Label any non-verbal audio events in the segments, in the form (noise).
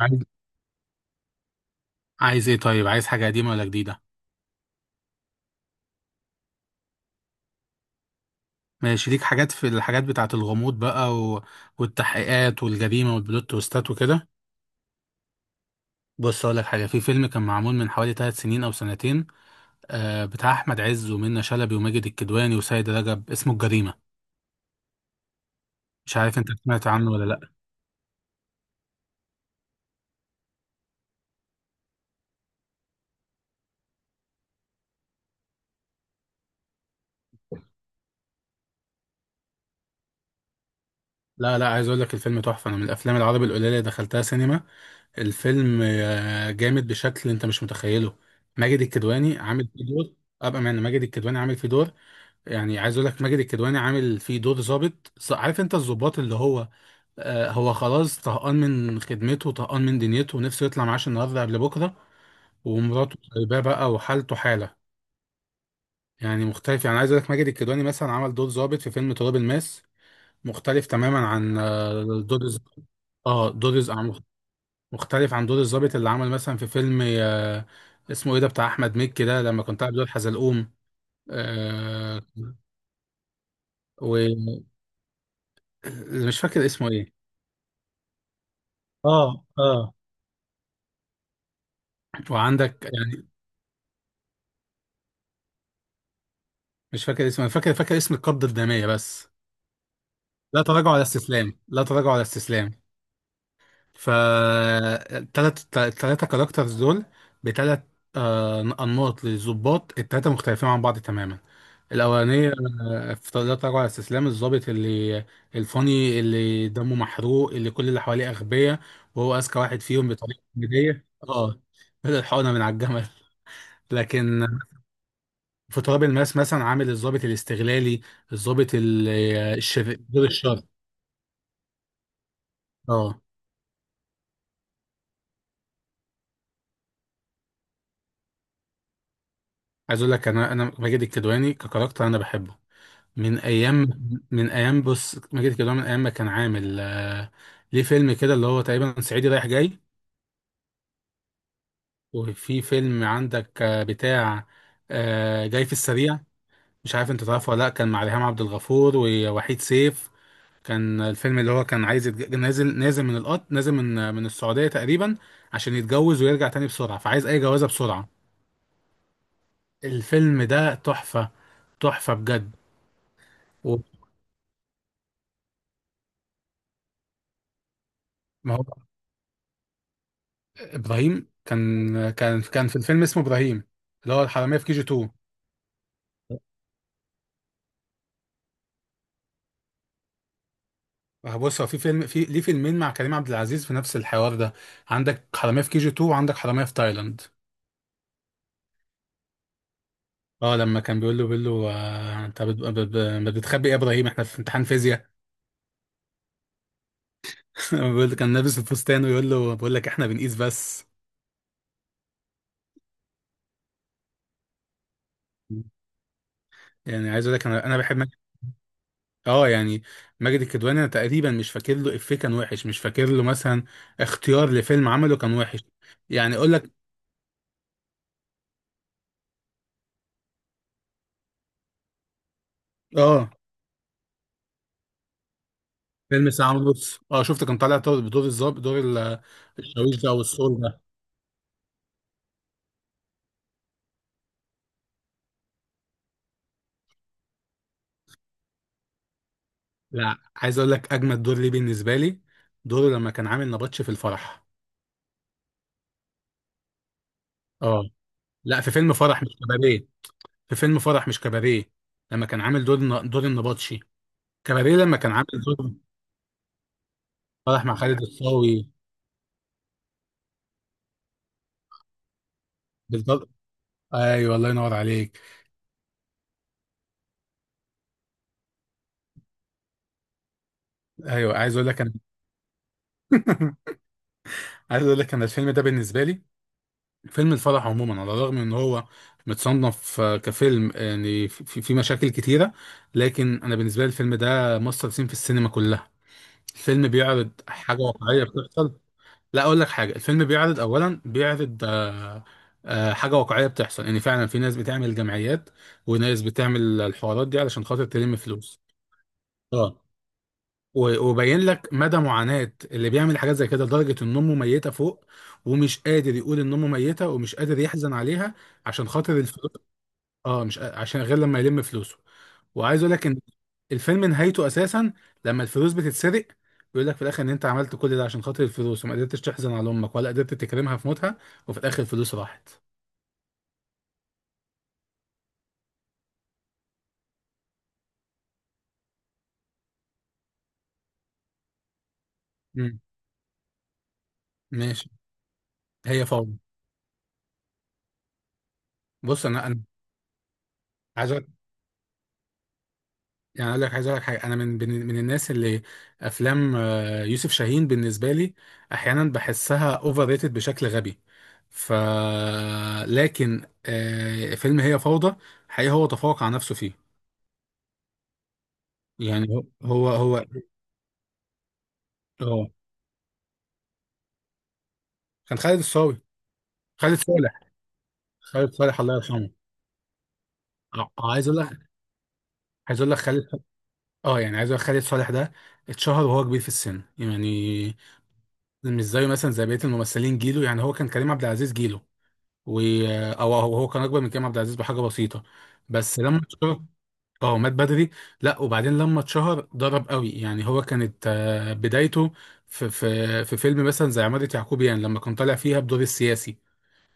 عايز عايز ايه؟ طيب، عايز حاجة قديمة ولا جديدة؟ ماشي. ليك حاجات في الحاجات بتاعة الغموض بقى و... والتحقيقات والجريمة والبلوت تويستات وكده. بص، اقول لك حاجة. في فيلم كان معمول من حوالي 3 سنين او سنتين، بتاع احمد عز ومنة شلبي وماجد الكدواني وسيد رجب، اسمه الجريمة. مش عارف انت سمعت عنه ولا لا؟ لا، لا، عايز اقول لك الفيلم تحفة. انا من الافلام العربي القليلة اللي دخلتها سينما. الفيلم جامد بشكل انت مش متخيله. ماجد الكدواني عامل فيه دور. ابقى معنى ماجد الكدواني عامل فيه دور. يعني عايز اقول لك ماجد الكدواني عامل فيه دور ظابط، عارف انت الظباط اللي هو، هو خلاص طهقان، من خدمته، طهقان من دنيته، ونفسه يطلع معاش النهارده قبل بكره، ومراته سايباه بقى، وحالته حاله. يعني مختلف. يعني عايز اقول لك ماجد الكدواني مثلا عمل دور ظابط في فيلم تراب الماس، مختلف تماما عن دور اه، دور مختلف عن دور الظابط اللي عمل مثلا في فيلم، اسمه ايه ده؟ بتاع احمد مكي ده لما كنت عامل دور حزلقوم. آه. ومش فاكر اسمه ايه. اه، اه. وعندك يعني. مش فاكر اسمه، انا فاكر اسم القبضه الداميه بس. لا تراجع على استسلام، لا تراجع على استسلام. ف التلاتة كاركترز دول، بتلات، أنماط للضباط التلاتة مختلفين عن بعض تماما. الأولانية، في لا تراجع على استسلام، الضابط اللي الفاني، اللي دمه محروق، اللي كل اللي حواليه أغبياء، وهو أذكى واحد فيهم بطريقة كوميدية، اه. بدأ الحقنة من على الجمل. لكن في تراب الماس مثلا عامل الضابط الاستغلالي، الضابط الشر، دور الشر. اه، عايز اقول لك انا، ماجد الكدواني ككاركتر انا بحبه. من ايام. من ايام، بص، ماجد الكدواني من ايام ما كان عامل ليه فيلم كده اللي هو تقريبا صعيدي رايح جاي. وفي فيلم عندك بتاع جاي في السريع. مش عارف انت تعرفه ولا لا. كان مع ريهام عبد الغفور ووحيد سيف. كان الفيلم اللي هو كان عايز نازل، نازل من القط، نازل من السعودية تقريبا، عشان يتجوز ويرجع تاني بسرعة، فعايز أي جوازة بسرعة. الفيلم ده تحفة. تحفة بجد. و- ما هو، إبراهيم كان في الفيلم اسمه إبراهيم، اللي هو الحرامية في كي جي 2. بص، هو في فيلم، ليه فيلمين مع كريم عبد العزيز في نفس الحوار ده. عندك حرامية في كي جي 2، وعندك حرامية في تايلاند. اه، لما كان بيقول له انت بتخبي ايه يا ابراهيم؟ احنا في امتحان فيزياء. (laughs) بيقول، كان لابس الفستان، ويقول له بقول لك احنا بنقيس بس. يعني عايز اقول لك انا، بحب ماجد. اه يعني، ماجد الكدواني انا تقريبا مش فاكر له افيه كان وحش، مش فاكر له مثلا اختيار لفيلم عمله كان وحش. يعني اقول لك. اه، فيلم ساعة ونص، اه شفت كان طالع بدور الظابط، دور الشاويش ده او السول ده. لا، عايز اقول لك اجمد دور ليه بالنسبه لي، دوره لما كان عامل نبطش في الفرح. اه. لا، في فيلم فرح مش كباريه. في فيلم فرح مش كباريه. لما كان عامل دور دور النبطشي. كباريه لما كان عامل دور فرح مع خالد الصاوي. بالظبط. ايوه، الله ينور عليك. ايوه، عايز اقول لك انا. (laughs) عايز اقول لك انا الفيلم ده بالنسبه لي، فيلم الفرح عموما، على الرغم ان هو متصنف كفيلم، يعني في مشاكل كتيره، لكن انا بالنسبه لي الفيلم ده ماستر سين في السينما كلها. الفيلم بيعرض حاجه واقعيه بتحصل. لا، اقول لك حاجه. الفيلم بيعرض اولا، بيعرض حاجه واقعيه بتحصل، ان فعلا في ناس بتعمل جمعيات، وناس بتعمل الحوارات دي علشان خاطر تلم فلوس. اه، و- وبين لك مدى معاناة اللي بيعمل حاجات زي كده، لدرجة ان امه ميتة فوق، ومش قادر يقول ان امه ميتة، ومش قادر يحزن عليها عشان خاطر الفلوس. اه، مش قا- عشان غير لما يلم فلوسه. وعايز اقول لك ان الفيلم نهايته اساسا، لما الفلوس بتتسرق، بيقول لك في الاخر ان انت عملت كل ده عشان خاطر الفلوس، وما قدرتش تحزن على امك، ولا قدرت تكرمها في موتها. وفي الاخر الفلوس راحت. امم. ماشي. هي فوري. بص، انا عايز، يعني اقول لك، عايز اقول لك حاجه، انا من الناس اللي افلام يوسف شاهين بالنسبه لي احيانا بحسها اوفر ريتد بشكل غبي. ف لكن فيلم هي فوضى، حقيقي هو تفوق على نفسه فيه. يعني، هو هو هو اه، كان خالد الصاوي. خالد صالح خالد صالح الله يرحمه. عايز اقول لك، عايز اقول لك خالد. اه يعني، عايز اقول لك خالد صالح ده اتشهر وهو كبير في السن يعني، مش زيه مثلا زي بقيه الممثلين جيله. يعني هو كان كريم عبد العزيز جيله، و او هو كان اكبر من كريم عبد العزيز بحاجه بسيطه. بس لما مات اتشهر. اه، مات بدري. لا، وبعدين لما اتشهر ضرب قوي. يعني هو كانت بدايته في فيلم مثلا زي عماده يعقوبيان لما كان طالع فيها بدور السياسي،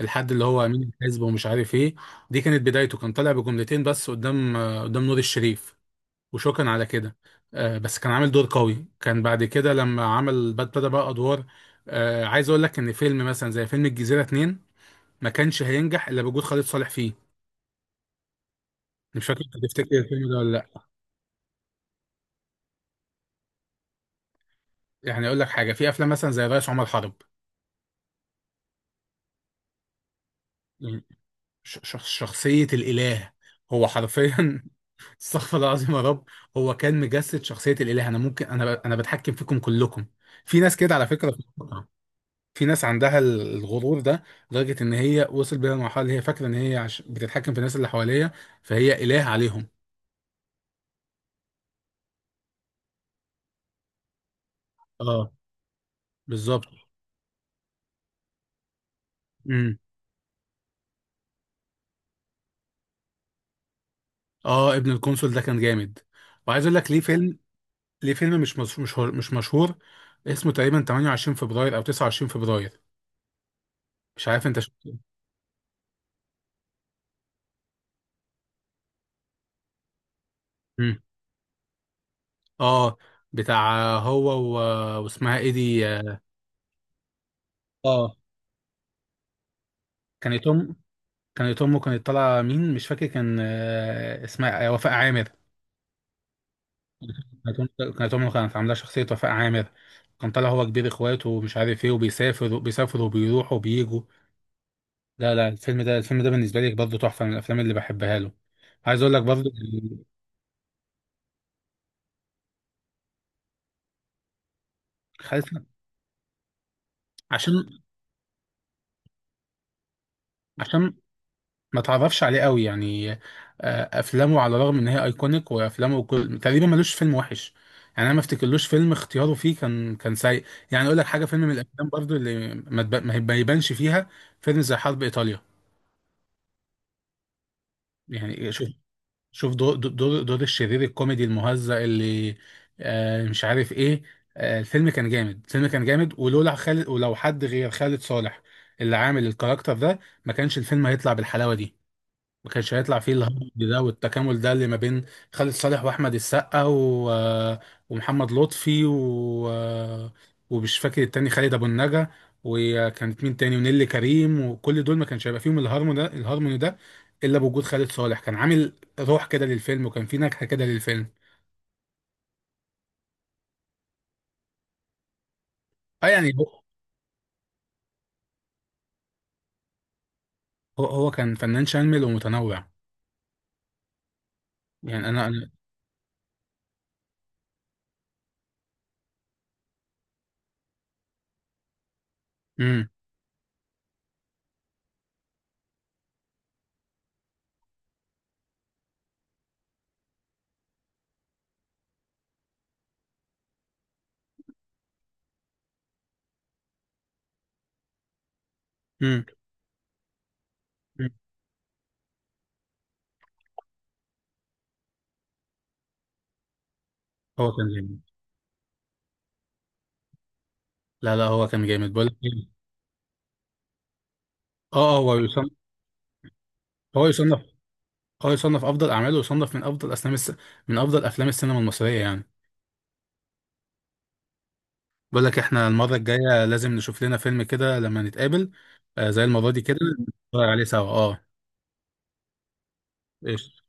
الحد اللي هو امين الحزب ومش عارف ايه. دي كانت بدايته، كان طالع بجملتين بس قدام، قدام نور الشريف، وشكرا على كده. بس كان عامل دور قوي، كان بعد كده لما عمل بدأ بقى ادوار. عايز اقول لك ان فيلم مثلا زي فيلم الجزيره 2، ما كانش هينجح الا بوجود خالد صالح فيه. مش فاكر، انت تفتكر الفيلم ده ولا لا؟ يعني اقول لك حاجه، في افلام مثلا زي الريس عمر حرب، يعني، شخصيه الاله. هو حرفيا، (laughs) استغفر الله العظيم يا رب، هو كان مجسد شخصيه الاله. انا ممكن، انا بتحكم فيكم كلكم. في ناس كده على فكره في الواقع. في ناس عندها الغرور ده، لدرجه ان هي وصل بيها لمرحله اللي هي فاكره ان هي بتتحكم في الناس اللي حواليها، فهي اله عليهم. اه، بالظبط. امم. اه، ابن القنصل ده كان جامد. وعايز اقول لك ليه فيلم، ليه فيلم مش مشهور، مش مشهور، اسمه تقريبا 28 فبراير او 29 فبراير. مش عارف انت شفته. امم. اه، بتاع هو واسمها ايه دي. اه، كانت ام كانت امه كانت طالعه مين مش فاكر، كان اسمها وفاء عامر. كانت امه كانت عامله شخصيه وفاء عامر. كان طالع هو كبير اخواته ومش عارف ايه، بيسافر وبيروح وبيجوا. لا، لا، الفيلم ده بالنسبه لي برضه تحفه، من الافلام اللي بحبها له. عايز اقول لك برضه. خالد، عشان عشان ما تعرفش عليه قوي يعني، افلامه على الرغم ان هي ايكونيك، وافلامه تقريبا ملوش فيلم وحش. يعني انا ما افتكرلوش فيلم اختياره فيه كان سيء. يعني اقول لك حاجه، فيلم من الافلام برضو اللي ما يبانش فيها، فيلم زي حرب ايطاليا. يعني شوف، شوف دور الشرير الكوميدي المهزأ اللي مش عارف ايه. الفيلم كان جامد، الفيلم كان جامد، ولولا خالد، ولو حد غير خالد صالح اللي عامل الكاركتر ده، ما كانش الفيلم هيطلع بالحلاوه دي. ما كانش هيطلع فيه الهبل ده والتكامل ده اللي ما بين خالد صالح واحمد السقا ومحمد لطفي ومش فاكر التاني، خالد ابو النجا، وكانت مين تاني؟ ونيلي كريم. وكل دول ما كانش هيبقى فيهم الهارمون ده، الهارمون ده الا بوجود خالد صالح. كان عامل روح كده للفيلم، وكان في نكهه كده للفيلم. اه يعني، هو هو كان فنان شامل ومتنوع. يعني، انا امم. امم. هو كان جامد. لا، لا، هو كان جامد، بقول لك إيه، هو يصنف، هو يصنف. اه، يصنف افضل اعماله، ويصنف من افضل افلام من افضل افلام السينما المصريه يعني. بقول لك، احنا المره الجايه لازم نشوف لنا فيلم كده لما نتقابل، زي المره دي كده نتفرج عليه سوا، اه. ايش؟